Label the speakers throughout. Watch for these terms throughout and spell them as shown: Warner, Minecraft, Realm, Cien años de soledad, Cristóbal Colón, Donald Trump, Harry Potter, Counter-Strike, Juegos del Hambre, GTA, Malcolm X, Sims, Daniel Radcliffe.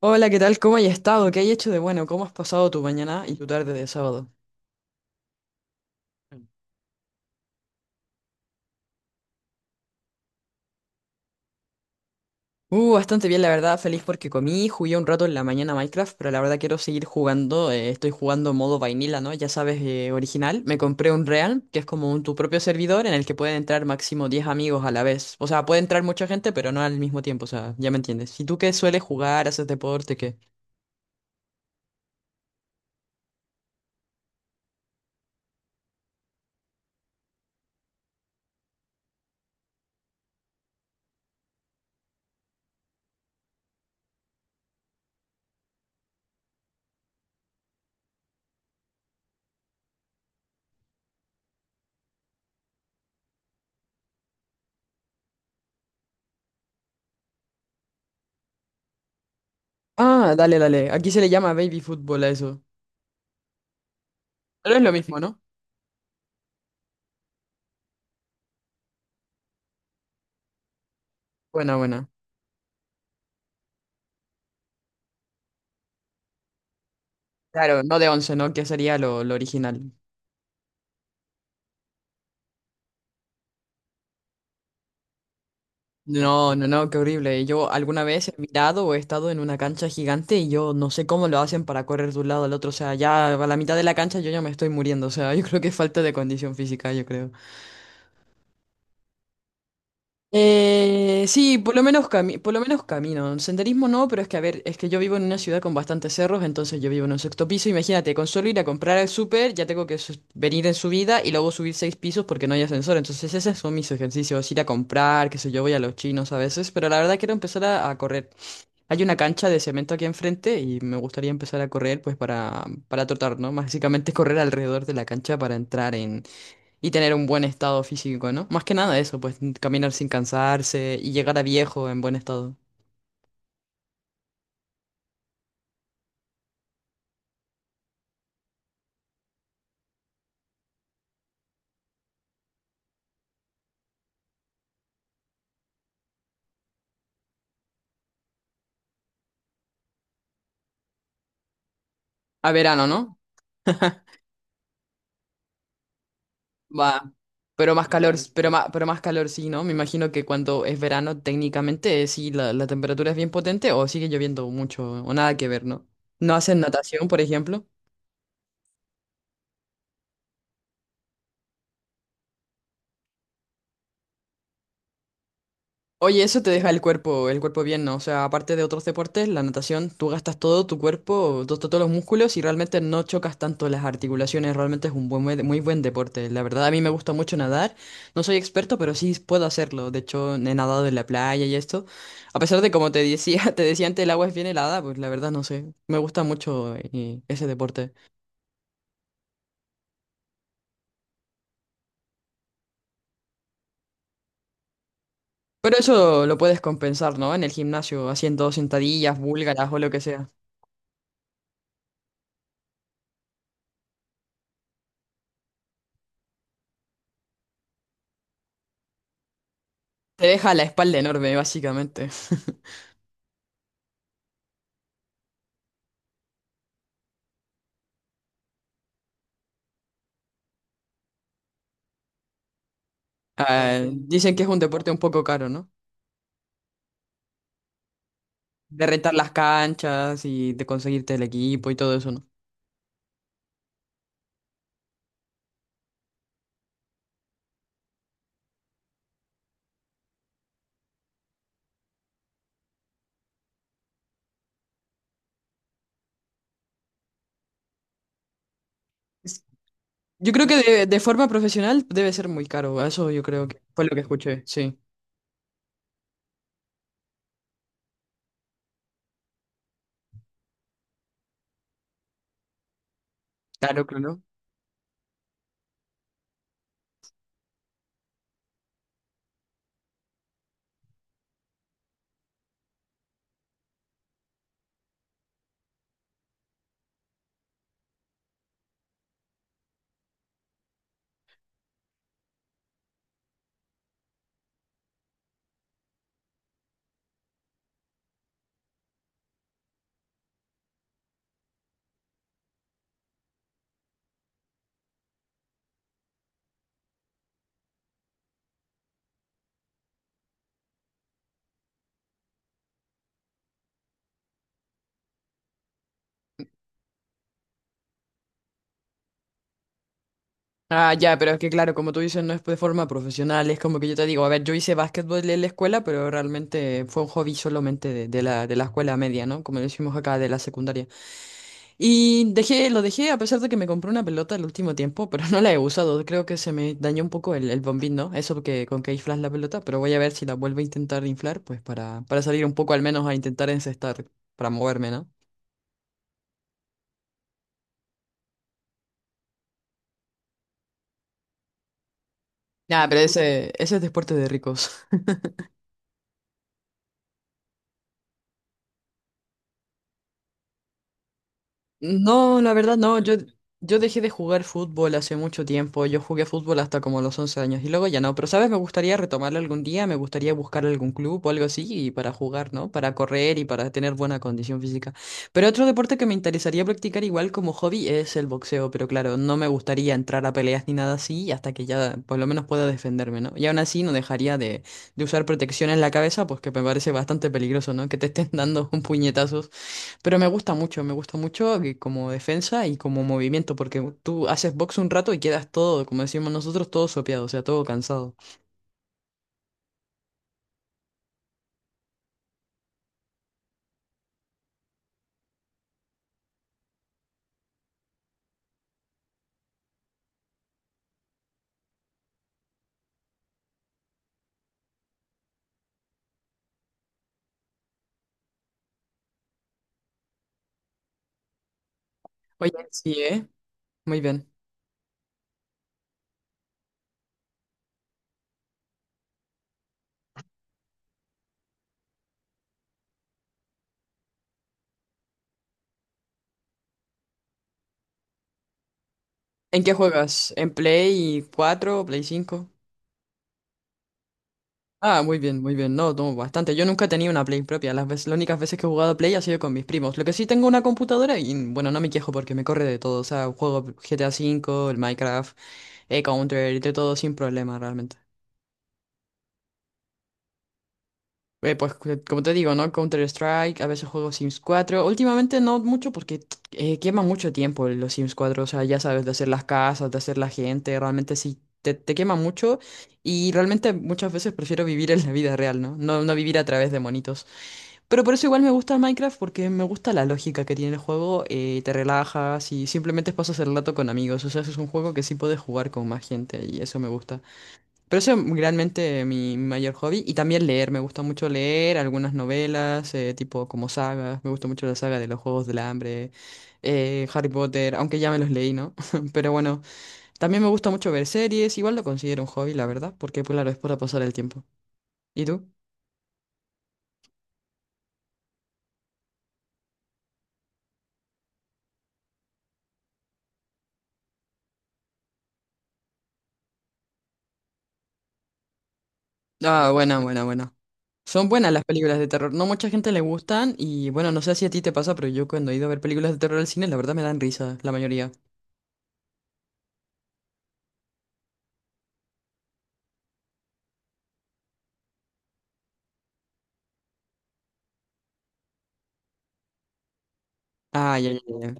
Speaker 1: Hola, ¿qué tal? ¿Cómo has estado? ¿Qué hay hecho de bueno? ¿Cómo has pasado tu mañana y tu tarde de sábado? Bastante bien, la verdad. Feliz porque comí, jugué un rato en la mañana a Minecraft, pero la verdad quiero seguir jugando. Estoy jugando modo vainilla, ¿no? Ya sabes, original. Me compré un Realm, que es como un, tu propio servidor en el que pueden entrar máximo 10 amigos a la vez. O sea, puede entrar mucha gente, pero no al mismo tiempo. O sea, ya me entiendes. ¿Y tú qué sueles jugar? ¿Haces deporte? ¿Qué? Ah, dale, dale. Aquí se le llama baby fútbol a eso. Pero es lo mismo, ¿no? Buena, buena. Claro, no de 11, ¿no? Que sería lo original. No, no, no, qué horrible. Yo alguna vez he mirado o he estado en una cancha gigante y yo no sé cómo lo hacen para correr de un lado al otro. O sea, ya a la mitad de la cancha yo ya me estoy muriendo. O sea, yo creo que es falta de condición física, yo creo. Sí, por lo menos por lo menos camino. Senderismo no, pero es que, a ver, es que yo vivo en una ciudad con bastantes cerros, entonces yo vivo en un 6.º piso. Imagínate, con solo ir a comprar al súper, ya tengo que venir en subida y luego subir 6 pisos porque no hay ascensor. Entonces esos son mis ejercicios, ir a comprar, qué sé yo, voy a los chinos a veces, pero la verdad quiero empezar a correr. Hay una cancha de cemento aquí enfrente y me gustaría empezar a correr pues para trotar, ¿no? Básicamente correr alrededor de la cancha para entrar y tener un buen estado físico, ¿no? Más que nada eso, pues caminar sin cansarse y llegar a viejo en buen estado. ¿A verano, no? Va. Pero más calor, pero más calor sí, ¿no? Me imagino que cuando es verano, técnicamente, sí, la temperatura es bien potente o sigue lloviendo mucho o nada que ver, ¿no? ¿No hacen natación, por ejemplo? Oye, eso te deja el cuerpo bien, ¿no? O sea, aparte de otros deportes, la natación, tú gastas todo tu cuerpo, todos los músculos y realmente no chocas tanto las articulaciones, realmente es un buen, muy muy buen deporte. La verdad, a mí me gusta mucho nadar, no soy experto, pero sí puedo hacerlo. De hecho, he nadado en la playa y esto. A pesar de como te decía, te decía antes, el agua es bien helada, pues la verdad no sé. Me gusta mucho ese deporte. Pero eso lo puedes compensar, ¿no? En el gimnasio, haciendo sentadillas, búlgaras o lo que sea. Te deja la espalda enorme, básicamente. Ah, dicen que es un deporte un poco caro, ¿no? De rentar las canchas y de conseguirte el equipo y todo eso, ¿no? Es- Yo creo que de forma profesional debe ser muy caro, eso yo creo que fue lo que escuché, sí. Claro, claro. Ah, ya, pero es que claro, como tú dices, no es de forma profesional, es como que yo te digo, a ver, yo hice básquetbol en la escuela, pero realmente fue un hobby solamente de, de la escuela media, ¿no? Como decimos acá, de la secundaria. Y dejé, lo dejé a pesar de que me compré una pelota el último tiempo, pero no la he usado. Creo que se me dañó un poco el bombín, ¿no? Eso que, con que inflas la pelota, pero voy a ver si la vuelvo a intentar inflar, pues para salir un poco al menos a intentar encestar, para moverme, ¿no? Nada, pero ese es deporte de ricos. No, la verdad no, yo dejé de jugar fútbol hace mucho tiempo, yo jugué fútbol hasta como los 11 años y luego ya no, pero sabes, me gustaría retomarlo algún día, me gustaría buscar algún club o algo así y para jugar, ¿no? Para correr y para tener buena condición física. Pero otro deporte que me interesaría practicar igual como hobby es el boxeo, pero claro, no me gustaría entrar a peleas ni nada así hasta que ya por lo menos pueda defenderme, ¿no? Y aún así no dejaría de usar protección en la cabeza, pues que me parece bastante peligroso, ¿no? Que te estén dando un puñetazo. Pero me gusta mucho que como defensa y como movimiento, porque tú haces box un rato y quedas todo, como decimos nosotros, todo sopeado, o sea, todo cansado. Oye, sí, ¿eh? Muy bien. ¿En qué juegas? ¿En Play 4, Play 5 Ah, muy bien, muy bien. No, no, bastante. Yo nunca he tenido una Play propia. Las veces, las únicas veces que he jugado a Play ha sido con mis primos. Lo que sí tengo una computadora y, bueno, no me quejo porque me corre de todo. O sea, juego GTA 5, el Minecraft, el Counter, de todo sin problema realmente. Pues como te digo, ¿no? Counter-Strike, a veces juego Sims 4. Últimamente no mucho porque quema mucho tiempo los Sims 4. O sea, ya sabes, de hacer las casas, de hacer la gente. Realmente sí, te quema mucho. Y realmente muchas veces prefiero vivir en la vida real, ¿no? No, no vivir a través de monitos. Pero por eso igual me gusta el Minecraft porque me gusta la lógica que tiene el juego. Te relajas y simplemente pasas el rato con amigos. O sea, es un juego que sí puedes jugar con más gente y eso me gusta. Pero eso es realmente mi, mayor hobby. Y también leer, me gusta mucho leer algunas novelas, tipo como sagas. Me gusta mucho la saga de los Juegos del Hambre, Harry Potter, aunque ya me los leí, ¿no? Pero bueno, también me gusta mucho ver series. Igual lo considero un hobby, la verdad, porque pues, claro, es para pasar el tiempo. ¿Y tú? Ah, buena, buena, buena. Son buenas las películas de terror. No mucha gente le gustan y bueno, no sé si a ti te pasa, pero yo cuando he ido a ver películas de terror al cine, la verdad me dan risa, la mayoría. Ah, ya, ya, ya.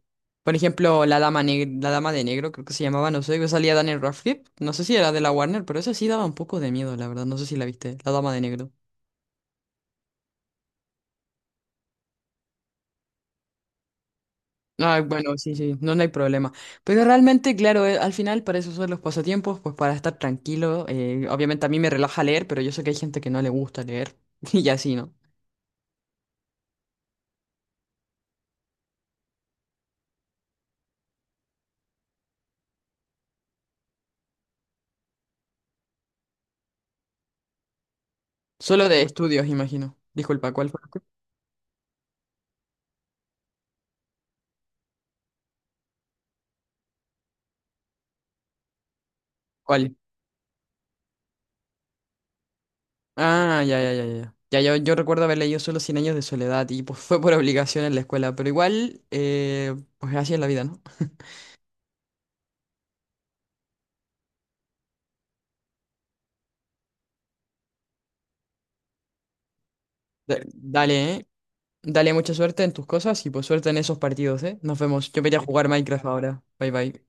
Speaker 1: Por ejemplo, la dama de negro, creo que se llamaba, no sé, que salía Daniel Radcliffe. No sé si era de la Warner, pero esa sí daba un poco de miedo, la verdad. No sé si la viste, la dama de negro. Ah, bueno, sí, sí, no, no hay problema. Pero realmente, claro, al final para eso son los pasatiempos, pues para estar tranquilo. Obviamente a mí me relaja leer, pero yo sé que hay gente que no le gusta leer. Y así, ¿no? Solo de estudios, imagino. Disculpa, ¿cuál fue? ¿Cuál? Ah, ya, ya, ya, ya. Ya, yo recuerdo haber leído solo Cien años de soledad y pues fue por obligación en la escuela, pero igual, pues así es la vida, ¿no? Dale, ¿eh? Dale mucha suerte en tus cosas y pues suerte en esos partidos, ¿eh? Nos vemos. Yo voy a jugar Minecraft ahora. Bye, bye.